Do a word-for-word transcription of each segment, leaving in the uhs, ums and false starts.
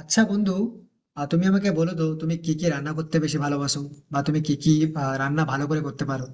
আচ্ছা বন্ধু, আহ, তুমি আমাকে বলো তো তুমি কি কি রান্না করতে বেশি ভালোবাসো, বা তুমি কি কি আহ, রান্না ভালো করে করতে পারো?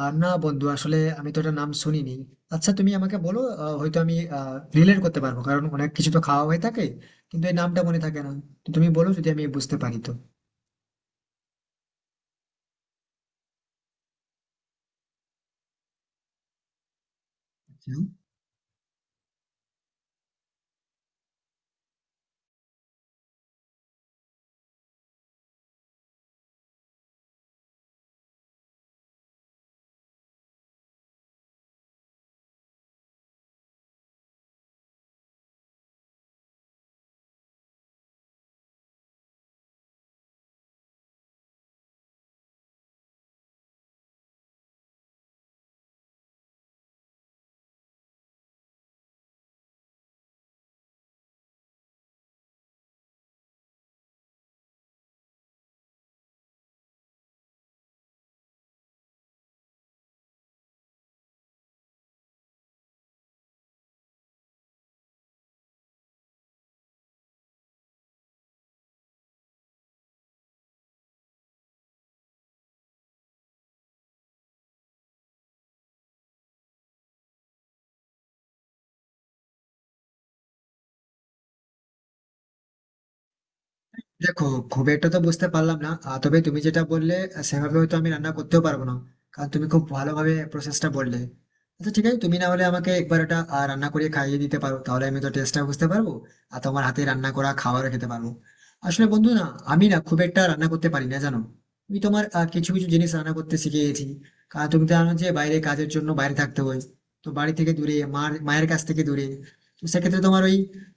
আর না বন্ধু, আসলে আমি তো এটা নাম শুনিনি। আচ্ছা তুমি আমাকে বলো, আহ, হয়তো আমি রিলেট করতে পারবো, কারণ অনেক কিছু তো খাওয়া হয়ে থাকে, কিন্তু এই নামটা মনে থাকে না। তো তুমি বলো, যদি আমি বুঝতে পারি তো। দেখো, খুব একটা তো বুঝতে পারলাম না, আহ, তবে তুমি যেটা বললে, আহ, সেভাবে হয়তো আমি রান্না করতেও পারবো না, কারণ তুমি খুব ভালোভাবে প্রসেসটা বললে। আচ্ছা ঠিক আছে, তুমি না হলে আমাকে একবার এটা আহ, রান্না করে খাইয়ে দিতে পারো, তাহলে আমি তো টেস্টটা বুঝতে পারবো, আর তোমার হাতে রান্না করা খাবারও খেতে পারবো। আসলে বন্ধু না, আমি না খুব একটা রান্না করতে পারি না, জানো। আমি তোমার আহ, কিছু কিছু জিনিস রান্না করতে শিখে গেছি, কারণ তুমি তো জানো যে বাইরে কাজের জন্য বাইরে থাকতে হয়। তো বাড়ি থেকে দূরে, মার মায়ের কাছ থেকে দূরে, তো সেক্ষেত্রে তোমার ওই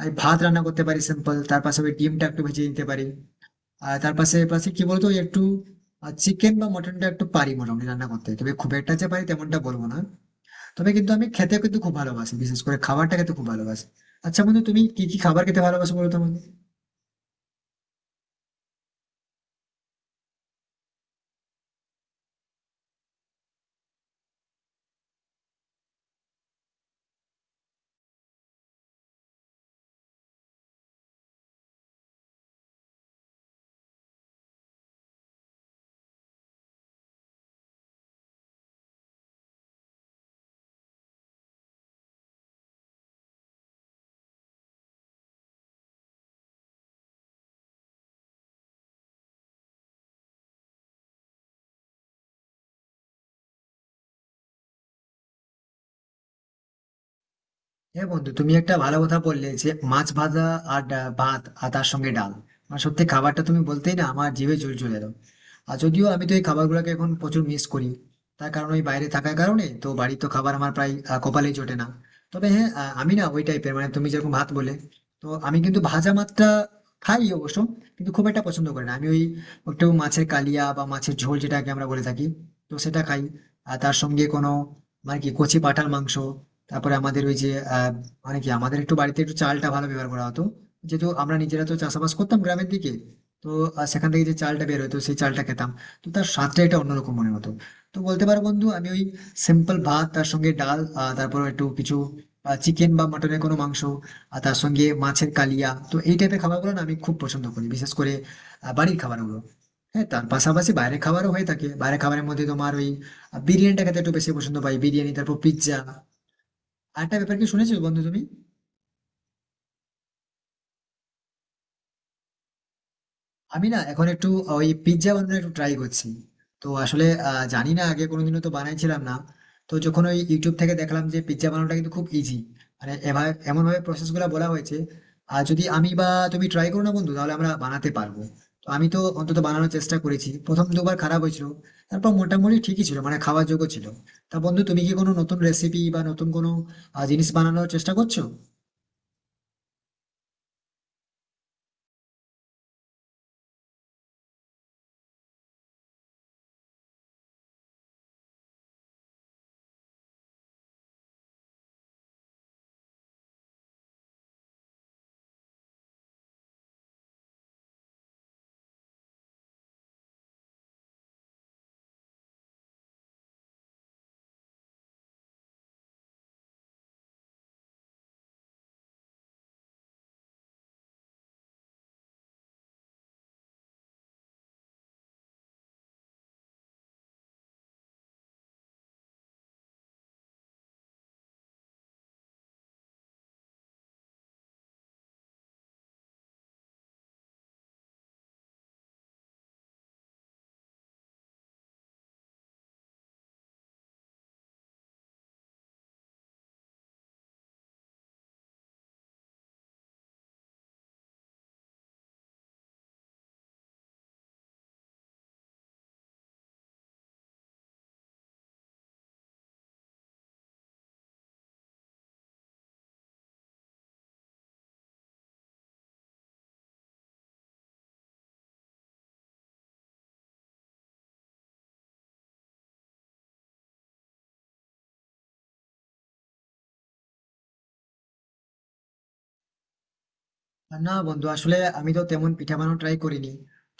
আমি ভাত রান্না করতে পারি সিম্পল, তার পাশে ওই ডিমটা একটু ভেজে নিতে পারি। আর তার পাশে পাশে কি বলতো, ওই একটু চিকেন বা মটনটা একটু পারি মোটামুটি রান্না করতে, তবে খুব একটা যে পারি তেমনটা বলবো না। তবে কিন্তু আমি খেতে কিন্তু খুব ভালোবাসি, বিশেষ করে খাবারটা খেতে খুব ভালোবাসি। আচ্ছা বন্ধু, তুমি কি কি খাবার খেতে ভালোবাসো, বলো তো আমাকে। হ্যাঁ বন্ধু, তুমি একটা ভালো কথা বললে, যে মাছ ভাজা আর ডা- ভাত আর তার সঙ্গে ডাল। মানে সত্যি, খাবারটা তুমি বলতেই না আমার জিভে জল চলে এলো। আর যদিও আমি তো এই খাবারগুলোকে এখন প্রচুর মিস করি, তার কারণ ওই বাইরে থাকার কারণে তো বাড়ির তো খাবার আমার প্রায় আহ, কপালেই জোটে না। তবে হ্যাঁ, আহ, আমি না ওই টাইপের, মানে তুমি যেরকম ভাত বলে, তো আমি কিন্তু ভাজা মাছটা খাই অবশ্য, কিন্তু খুব একটা পছন্দ করি না আমি ওই। একটু মাছের কালিয়া বা মাছের ঝোল যেটাকে আমরা বলে থাকি, তো সেটা খাই। আর তার সঙ্গে কোনো মানে কি কচি পাঁঠার মাংস, তারপরে আমাদের ওই যে আহ মানে কি আমাদের একটু বাড়িতে একটু চালটা ভালো ব্যবহার করা হতো, যেহেতু আমরা নিজেরা তো চাষাবাস করতাম গ্রামের দিকে। তো আহ, সেখান থেকে যে চালটা বের হতো, সেই চালটা খেতাম, তো তার স্বাদটা এটা অন্যরকম মনে হতো। তো বলতে পারো বন্ধু, আমি ওই সিম্পল ভাত, তার সঙ্গে ডাল, আহ, তারপর একটু কিছু চিকেন বা মটনের কোনো মাংস, আর তার সঙ্গে মাছের কালিয়া, তো এই টাইপের খাবারগুলো না আমি খুব পছন্দ করি, বিশেষ করে আহ, বাড়ির খাবারগুলো। হ্যাঁ তার পাশাপাশি বাইরের খাবারও হয়ে থাকে। বাইরের খাবারের মধ্যে তোমার ওই আহ, বিরিয়ানিটা খেতে একটু বেশি পছন্দ পাই, বিরিয়ানি, তারপর পিৎজা। আরেকটা ব্যাপার কি শুনেছো বন্ধু তুমি, আমি না এখন একটু ওই পিৎজা বানানোর একটু ট্রাই করছি। তো আসলে আহ, জানি না, আগে কোনোদিনও তো বানাইছিলাম না। তো যখন ওই ইউটিউব থেকে দেখলাম যে পিৎজা বানানোটা কিন্তু খুব ইজি, মানে এভাবে এমন ভাবে প্রসেস গুলো বলা হয়েছে, আর যদি আমি বা তুমি ট্রাই করো না বন্ধু, তাহলে আমরা বানাতে পারবো। তো আমি তো অন্তত বানানোর চেষ্টা করেছি, প্রথম দুবার খারাপ হয়েছিল, তারপর মোটামুটি ঠিকই ছিল, মানে খাওয়ার যোগ্য ছিল। তা বন্ধু, তুমি কি কোনো নতুন রেসিপি বা নতুন কোনো আহ, জিনিস বানানোর চেষ্টা করছো? না বন্ধু, আসলে আমি তো তেমন পিঠা বানানো ট্রাই করিনি।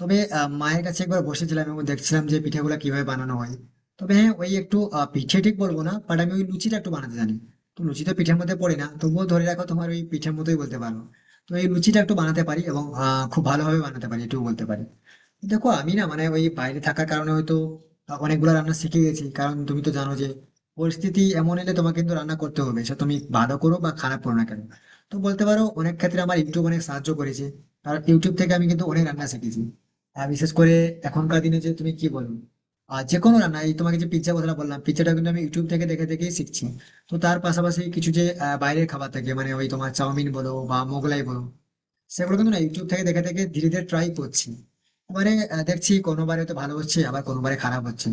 তবে আহ, মায়ের কাছে একবার বসেছিলাম এবং দেখছিলাম যে পিঠাগুলো কিভাবে বানানো হয়। তবে হ্যাঁ, ওই একটু আহ, পিঠে ঠিক বলবো না, বাট আমি ওই লুচিটা একটু বানাতে জানি। তো লুচি তো পিঠার মধ্যে পড়ে না, তবুও ধরে রাখো তোমার ওই পিঠের মতোই বলতে পারো। তো এই লুচিটা একটু বানাতে পারি এবং আহ, খুব ভালোভাবে বানাতে পারি, এটুকু বলতে পারি। দেখো আমি না মানে ওই বাইরে থাকার কারণে হয়তো অনেকগুলো রান্না শিখে গেছি, কারণ তুমি তো জানো যে পরিস্থিতি এমন এলে তোমাকে কিন্তু রান্না করতে হবে, সে তুমি ভালো করো বা খারাপ করো না কেন। তো বলতে পারো, অনেক ক্ষেত্রে আমার ইউটিউব অনেক সাহায্য করেছে, কারণ ইউটিউব থেকে আমি কিন্তু অনেক রান্না শিখেছি। আর বিশেষ করে এখনকার দিনে, যে তুমি কি বলো, আর যে কোনো রান্না, এই তোমাকে যে পিৎজা কথা বললাম, পিৎজাটা কিন্তু আমি ইউটিউব থেকে দেখে দেখেই শিখছি। তো তার পাশাপাশি কিছু যে আহ, বাইরের খাবার থাকে, মানে ওই তোমার চাউমিন বলো বা মোগলাই বলো, সেগুলো কিন্তু না ইউটিউব থেকে দেখে দেখে ধীরে ধীরে ট্রাই করছি। মানে আহ, দেখছি কোনোবারে তো ভালো হচ্ছে, আবার কোনোবারে খারাপ হচ্ছে।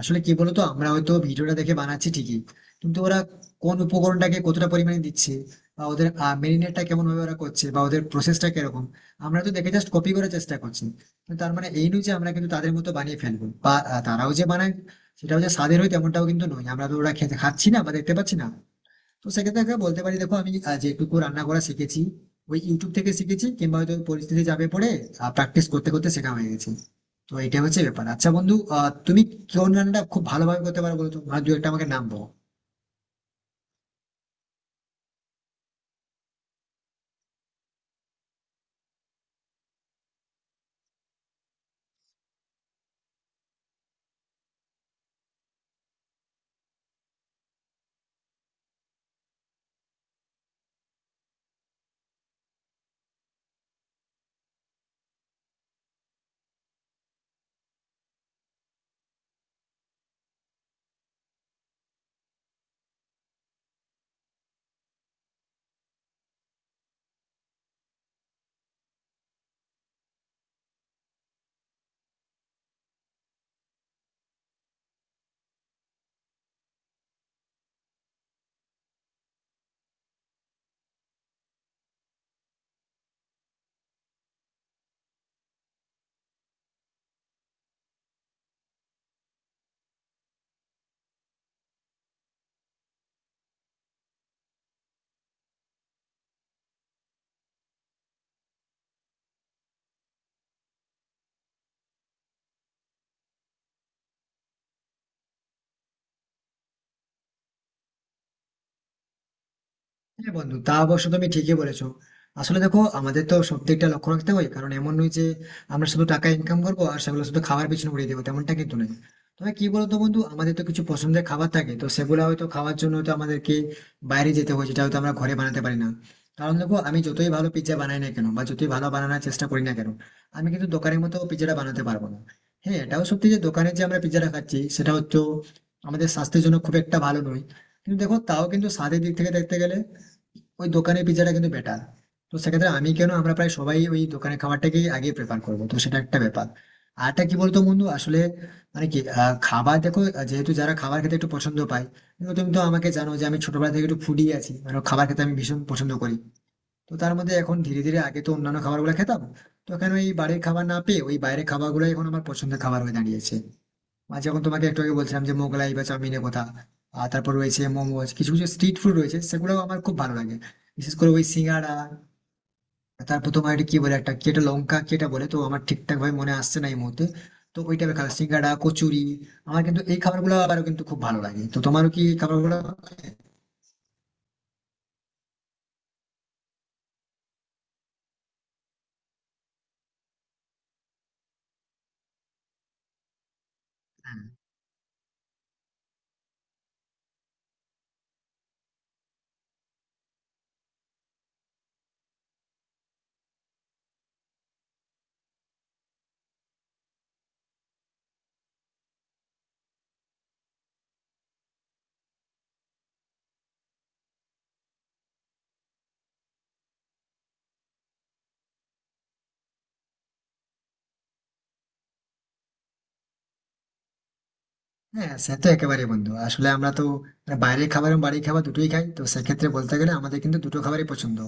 আসলে কি বলতো, আমরা হয়তো ভিডিওটা দেখে বানাচ্ছি ঠিকই, কিন্তু ওরা কোন উপকরণটাকে কতটা পরিমাণে দিচ্ছে, বা ওদের মেরিনেটটা কেমন ভাবে ওরা করছে, বা ওদের প্রসেসটা কিরকম, আমরা তো দেখে জাস্ট কপি করার চেষ্টা করছি। কিন্তু তার মানে এই নয় যে আমরা কিন্তু তাদের মতো বানিয়ে ফেলবো, বা আহ, তারাও যে বানায় সেটাও যে স্বাদের হয় তেমনটাও কিন্তু নয়, আমরা তো ওরা খেতে খাচ্ছি না বা দেখতে পাচ্ছি না। তো সেক্ষেত্রে একটা বলতে পারি, দেখো আমি আহ, যেটুকু রান্না করা শিখেছি, ওই ইউটিউব থেকে শিখেছি কিংবা হয়তো পরিস্থিতি চাপে পড়ে প্র্যাকটিস করতে করতে শেখা হয়ে গেছে। তো এটা হচ্ছে ব্যাপার। আচ্ছা বন্ধু, আহ, তুমি কোন রান্নাটা খুব ভালোভাবে করতে পারো, বলো তো, আর দু একটা আমাকে নাম বলো। হ্যাঁ বন্ধু, তা অবশ্য তুমি ঠিকই বলেছো। আসলে দেখো, আমাদের তো সব দিকটা লক্ষ্য রাখতে হয়, কারণ এমন নয় যে আমরা শুধু টাকা ইনকাম করবো আর সেগুলো শুধু খাবার পিছনে উড়িয়ে দেবো, তেমনটা কিন্তু নয়। তবে কি বলতো বন্ধু, আমাদের তো কিছু পছন্দের খাবার থাকে, তো সেগুলো হয়তো খাওয়ার জন্য তো আমাদেরকে বাইরে যেতে হয়, যেটা হয়তো আমরা ঘরে বানাতে পারি না। কারণ দেখো, আমি যতই ভালো পিৎজা বানাই না কেন, বা যতই ভালো বানানোর চেষ্টা করি না কেন, আমি কিন্তু দোকানের মতো পিৎজাটা বানাতে পারবো না। হ্যাঁ এটাও সত্যি যে দোকানে যে আমরা পিৎজাটা খাচ্ছি, সেটা হচ্ছে আমাদের স্বাস্থ্যের জন্য খুব একটা ভালো নয়। কিন্তু দেখো, তাও কিন্তু স্বাদের দিক থেকে দেখতে গেলে ওই দোকানের পিৎজাটা কিন্তু বেটার। তো সেক্ষেত্রে আমি কেন, আমরা প্রায় সবাই ওই দোকানের খাবারটাকেই আগে প্রেফার করবো, তো সেটা একটা ব্যাপার। আর একটা কি বলতো বন্ধু, আসলে মানে কি আহ, খাবার দেখো, যেহেতু যারা খাবার খেতে একটু পছন্দ পায়, কিন্তু তুমি তো আমাকে জানো যে আমি ছোটবেলা থেকে একটু ফুডি আছি, মানে খাবার খেতে আমি ভীষণ পছন্দ করি। তো তার মধ্যে এখন ধীরে ধীরে, আগে তো অন্যান্য খাবারগুলো খেতাম, তো এখন ওই বাড়ির খাবার না পেয়ে ওই বাইরের খাবারগুলোই এখন আমার পছন্দের খাবার হয়ে দাঁড়িয়েছে। আর যেমন তোমাকে একটু আগে বলছিলাম যে মোগলাই বা চাউমিনের কথা, আর তারপর রয়েছে মোমোজ, কিছু কিছু স্ট্রিট ফুড রয়েছে সেগুলো আমার খুব ভালো লাগে, বিশেষ করে ওই সিঙ্গাড়া। তারপর তোমার এটা কি বলে, একটা কি এটা লঙ্কা কি এটা বলে, তো আমার ঠিকঠাক ভাবে মনে আসছে না এই মুহূর্তে। তো ওই টাইপের খাবার, সিঙ্গাড়া, কচুরি, আমার কিন্তু এই খাবারগুলো আবারও কিন্তু খুব ভালো লাগে, তো তোমারও কি এই খাবারগুলো? হ্যাঁ সে তো একেবারে বন্ধু, আসলে আমরা তো বাইরের খাবার এবং বাড়ির খাবার দুটোই খাই, তো সেক্ষেত্রে বলতে গেলে আমাদের কিন্তু দুটো খাবারই পছন্দ।